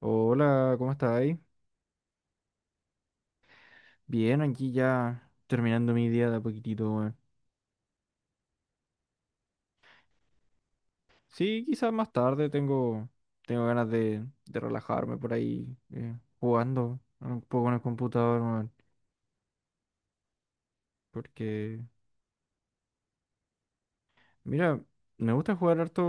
Hola, ¿cómo estás ahí? Bien, aquí ya terminando mi día de a poquitito, weón. Sí, quizás más tarde tengo, tengo ganas de relajarme por ahí jugando un poco en el computador, weón. Porque, mira, me gusta jugar harto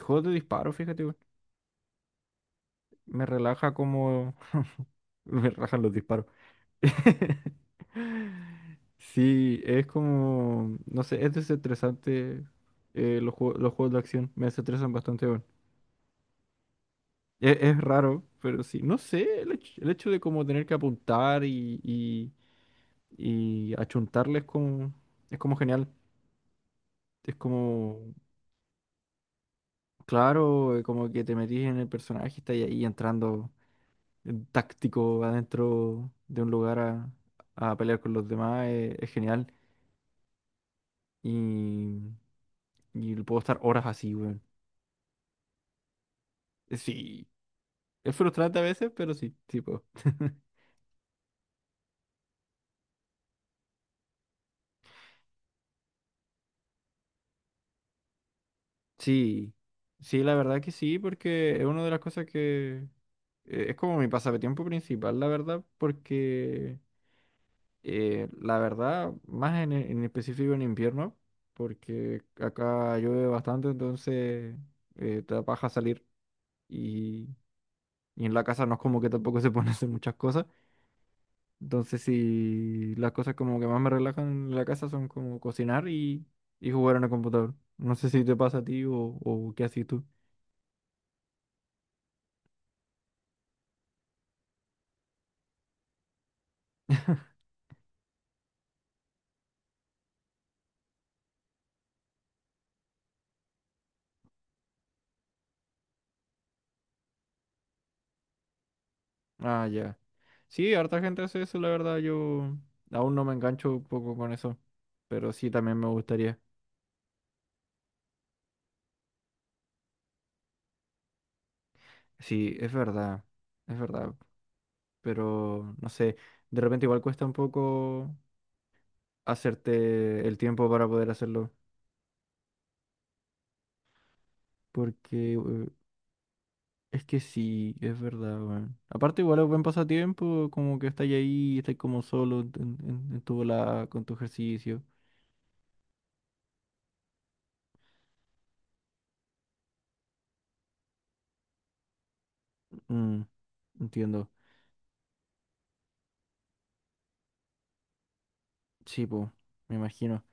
juegos de disparo, fíjate, weón. Me relaja como... me relajan los disparos. Sí, es como, no sé, es desestresante los juegos de acción, me desestresan bastante, bueno. Es raro, pero sí, no sé, el hecho de como tener que apuntar y achuntarle es como genial, es como, claro, como que te metís en el personaje y estás ahí entrando en táctico adentro de un lugar a pelear con los demás, es genial. Y puedo estar horas así, weón. Sí, es frustrante a veces, pero sí, tipo. Sí, sí, la verdad que sí, porque es una de las cosas que es como mi pasatiempo principal, la verdad. Porque la verdad, más en específico en invierno, porque acá llueve bastante. Entonces te da paja salir y, y en la casa no es como que tampoco se pone a hacer muchas cosas. Entonces, si las cosas como que más me relajan en la casa son como cocinar y jugar en el computador. No sé si te pasa a ti o qué haces tú. Ah, ya. Sí, harta gente hace eso, la verdad. Yo aún no me engancho un poco con eso. Pero sí, también me gustaría. Sí, es verdad. Es verdad. Pero no sé. De repente igual cuesta un poco hacerte el tiempo para poder hacerlo. Porque es que sí, es verdad, weón. Aparte, igual es buen pasatiempo, como que estáis ahí, estáis como solo en, en tu volada con tu ejercicio. Mm, entiendo. Sí, pues, me imagino.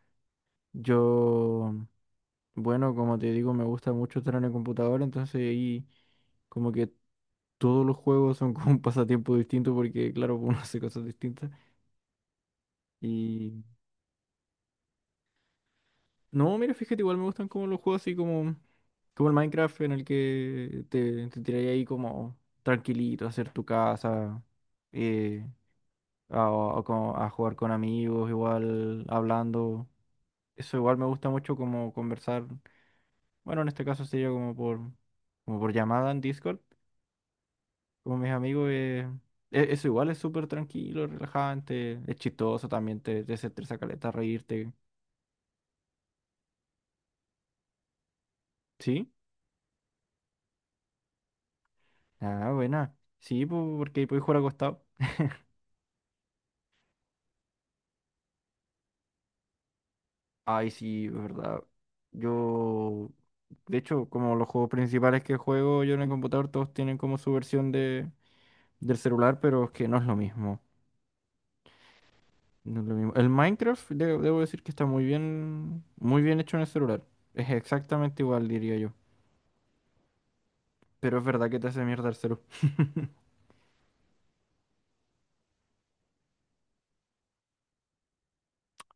Yo, bueno, como te digo, me gusta mucho estar en el computador. Entonces ahí como que todos los juegos son como un pasatiempo distinto porque, claro, uno hace cosas distintas. No, mira, fíjate, igual me gustan como los juegos así como, como el Minecraft en el que te tiras ahí como tranquilito a hacer tu casa, eh, a, a a jugar con amigos, igual hablando. Eso igual me gusta mucho, como conversar. Bueno, en este caso sería como por llamada en Discord, con mis amigos. Eso igual es súper tranquilo, relajante, es chistoso también, te desestresa caleta, reírte. ¿Sí? Ah, buena. Sí, po, porque puedes jugar acostado. Ay, sí, es verdad. Yo, de hecho, como los juegos principales que juego yo en el computador, todos tienen como su versión del celular, pero es que no es lo mismo. No es lo mismo. El Minecraft, debo decir que está muy bien hecho en el celular. Es exactamente igual, diría yo. Pero es verdad que te hace mierda el celular.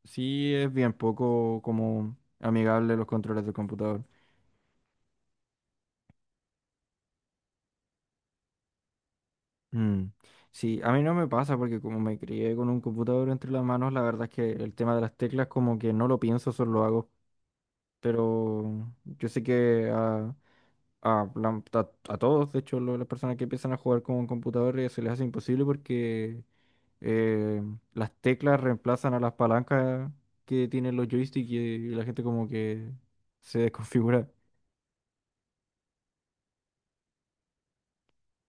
Sí, es bien poco como amigable, los controles del computador. Mm. Sí, a mí no me pasa porque como me crié con un computador entre las manos, la verdad es que el tema de las teclas como que no lo pienso, solo lo hago. Pero yo sé que a todos, de hecho, las personas que empiezan a jugar con un computador se les hace imposible, porque eh, las teclas reemplazan a las palancas que tienen los joysticks y la gente como que se desconfigura.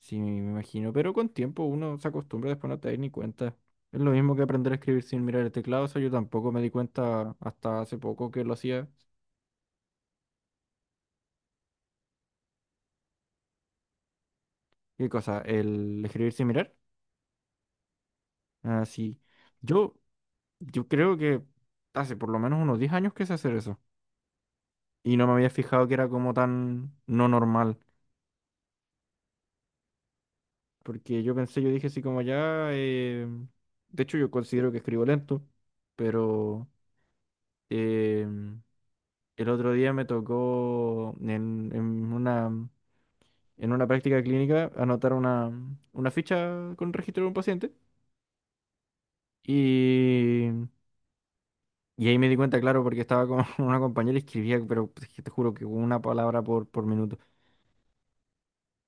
Sí, me imagino, pero con tiempo uno se acostumbra, después no te das ni cuenta. Es lo mismo que aprender a escribir sin mirar el teclado, o sea yo tampoco me di cuenta hasta hace poco que lo hacía. ¿Qué cosa? ¿El escribir sin mirar? Ah, sí. Yo, yo creo que hace por lo menos unos 10 años que sé hacer eso. Y no me había fijado que era como tan no normal. Porque yo pensé, yo dije así como ya... de hecho, yo considero que escribo lento, pero... em, el otro día me tocó en, en una práctica clínica anotar una ficha con registro de un paciente y, y ahí me di cuenta, claro, porque estaba con una compañera y escribía, pero pues, es que te juro que una palabra por minuto.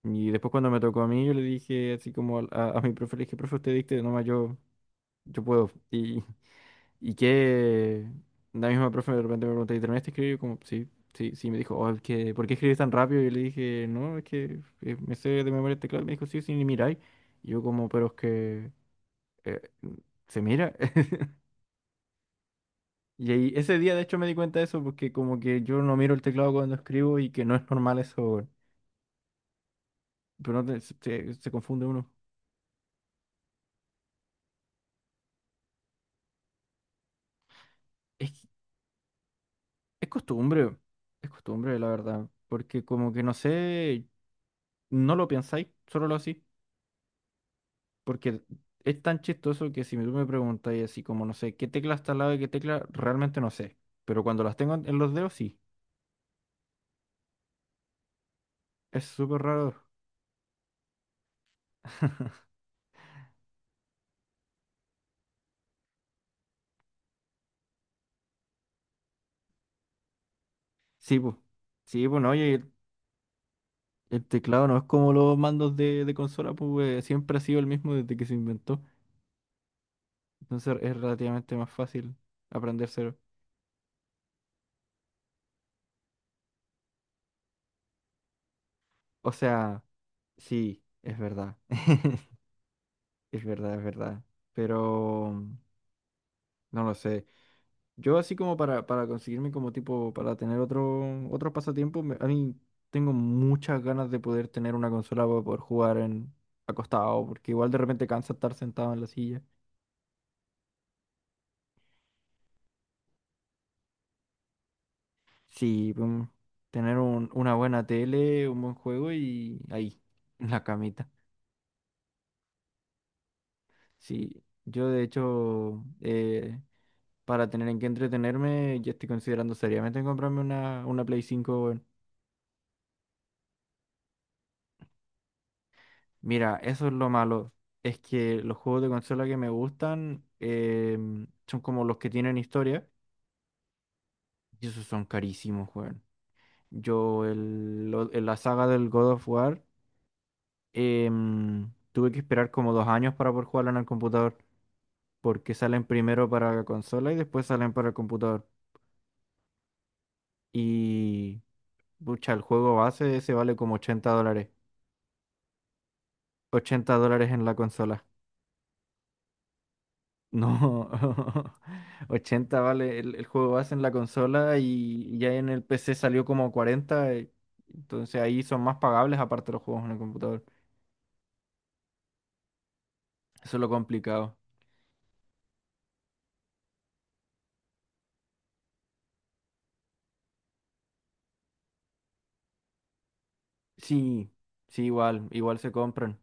Y después cuando me tocó a mí, yo le dije así como a mi profe, le dije, profe, usted dicte, nomás yo, yo puedo. Y que la misma profe de repente me preguntó, ¿y terminaste de escribir? Yo como, sí, sí, sí, me dijo, oh, es que, ¿por qué escribes tan rápido? Y yo le dije, no, es que me sé de memoria el teclado. Y me dijo, sí, sí, ni miráis. Y yo como, pero es que eh, se mira. Y ahí, ese día de hecho me di cuenta de eso, porque como que yo no miro el teclado cuando escribo y que no es normal eso, weón. Pero no te- se- se confunde uno. Es, que- es costumbre, es costumbre, la verdad. Porque como que no sé, no lo pensáis, solo lo hacís. Porque es tan chistoso que si tú me preguntas y así como no sé qué tecla está al lado de qué tecla, realmente no sé. Pero cuando las tengo en los dedos, sí. Es súper raro. Sí, pues. Sí, pues, no, oye, el teclado no es como los mandos de consola, pues siempre ha sido el mismo desde que se inventó. Entonces es relativamente más fácil aprendérselo. O sea, sí, es verdad. Es verdad, es verdad. Pero no lo sé. Yo así como para conseguirme como tipo, para tener otro, otro pasatiempo, a mí tengo muchas ganas de poder tener una consola para poder jugar en acostado, porque igual de repente cansa estar sentado en la silla. Sí, pum, tener una buena tele, un buen juego y ahí, en la camita. Sí, yo de hecho, para tener en qué entretenerme, ya estoy considerando seriamente en comprarme una Play 5. Mira, eso es lo malo. Es que los juegos de consola que me gustan son como los que tienen historia. Y esos son carísimos, weón. Yo en la saga del God of War tuve que esperar como dos años para poder jugarlo en el computador. Porque salen primero para la consola y después salen para el computador. Y, pucha, el juego base ese vale como $80. Ochenta dólares en la consola. No, 80 vale el juego base en la consola y ya en el PC salió como 40, entonces ahí son más pagables aparte de los juegos en el computador. Eso es lo complicado. Sí, sí, igual, igual se compran.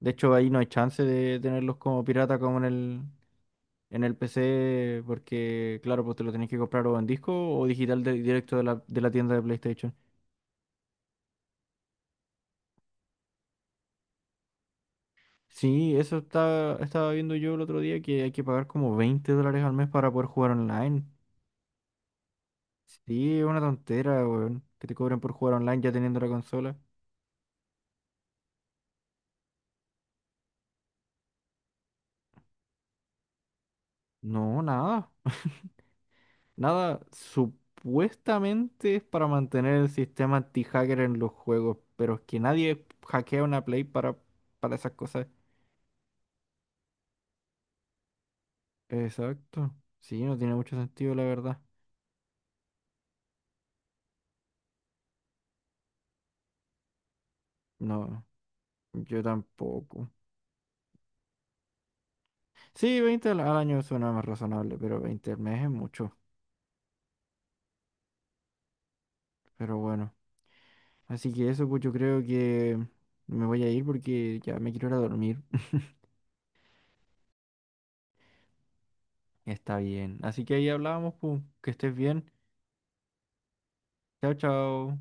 De hecho, ahí no hay chance de tenerlos como pirata como en el PC, porque claro, pues te lo tenés que comprar o en disco o digital directo de la tienda de PlayStation. Sí, eso está, estaba viendo yo el otro día que hay que pagar como $20 al mes para poder jugar online. Sí, es una tontera, weón. Que te cobren por jugar online ya teniendo la consola. No, nada. Nada. Supuestamente es para mantener el sistema anti-hacker en los juegos. Pero es que nadie hackea una Play para esas cosas. Exacto. Sí, no tiene mucho sentido, la verdad. No, yo tampoco. Sí, 20 al año suena más razonable, pero 20 al mes es mucho. Pero bueno. Así que eso, pues yo creo que me voy a ir porque ya me quiero ir a dormir. Está bien. Así que ahí hablábamos, pues, que estés bien. Chao, chao.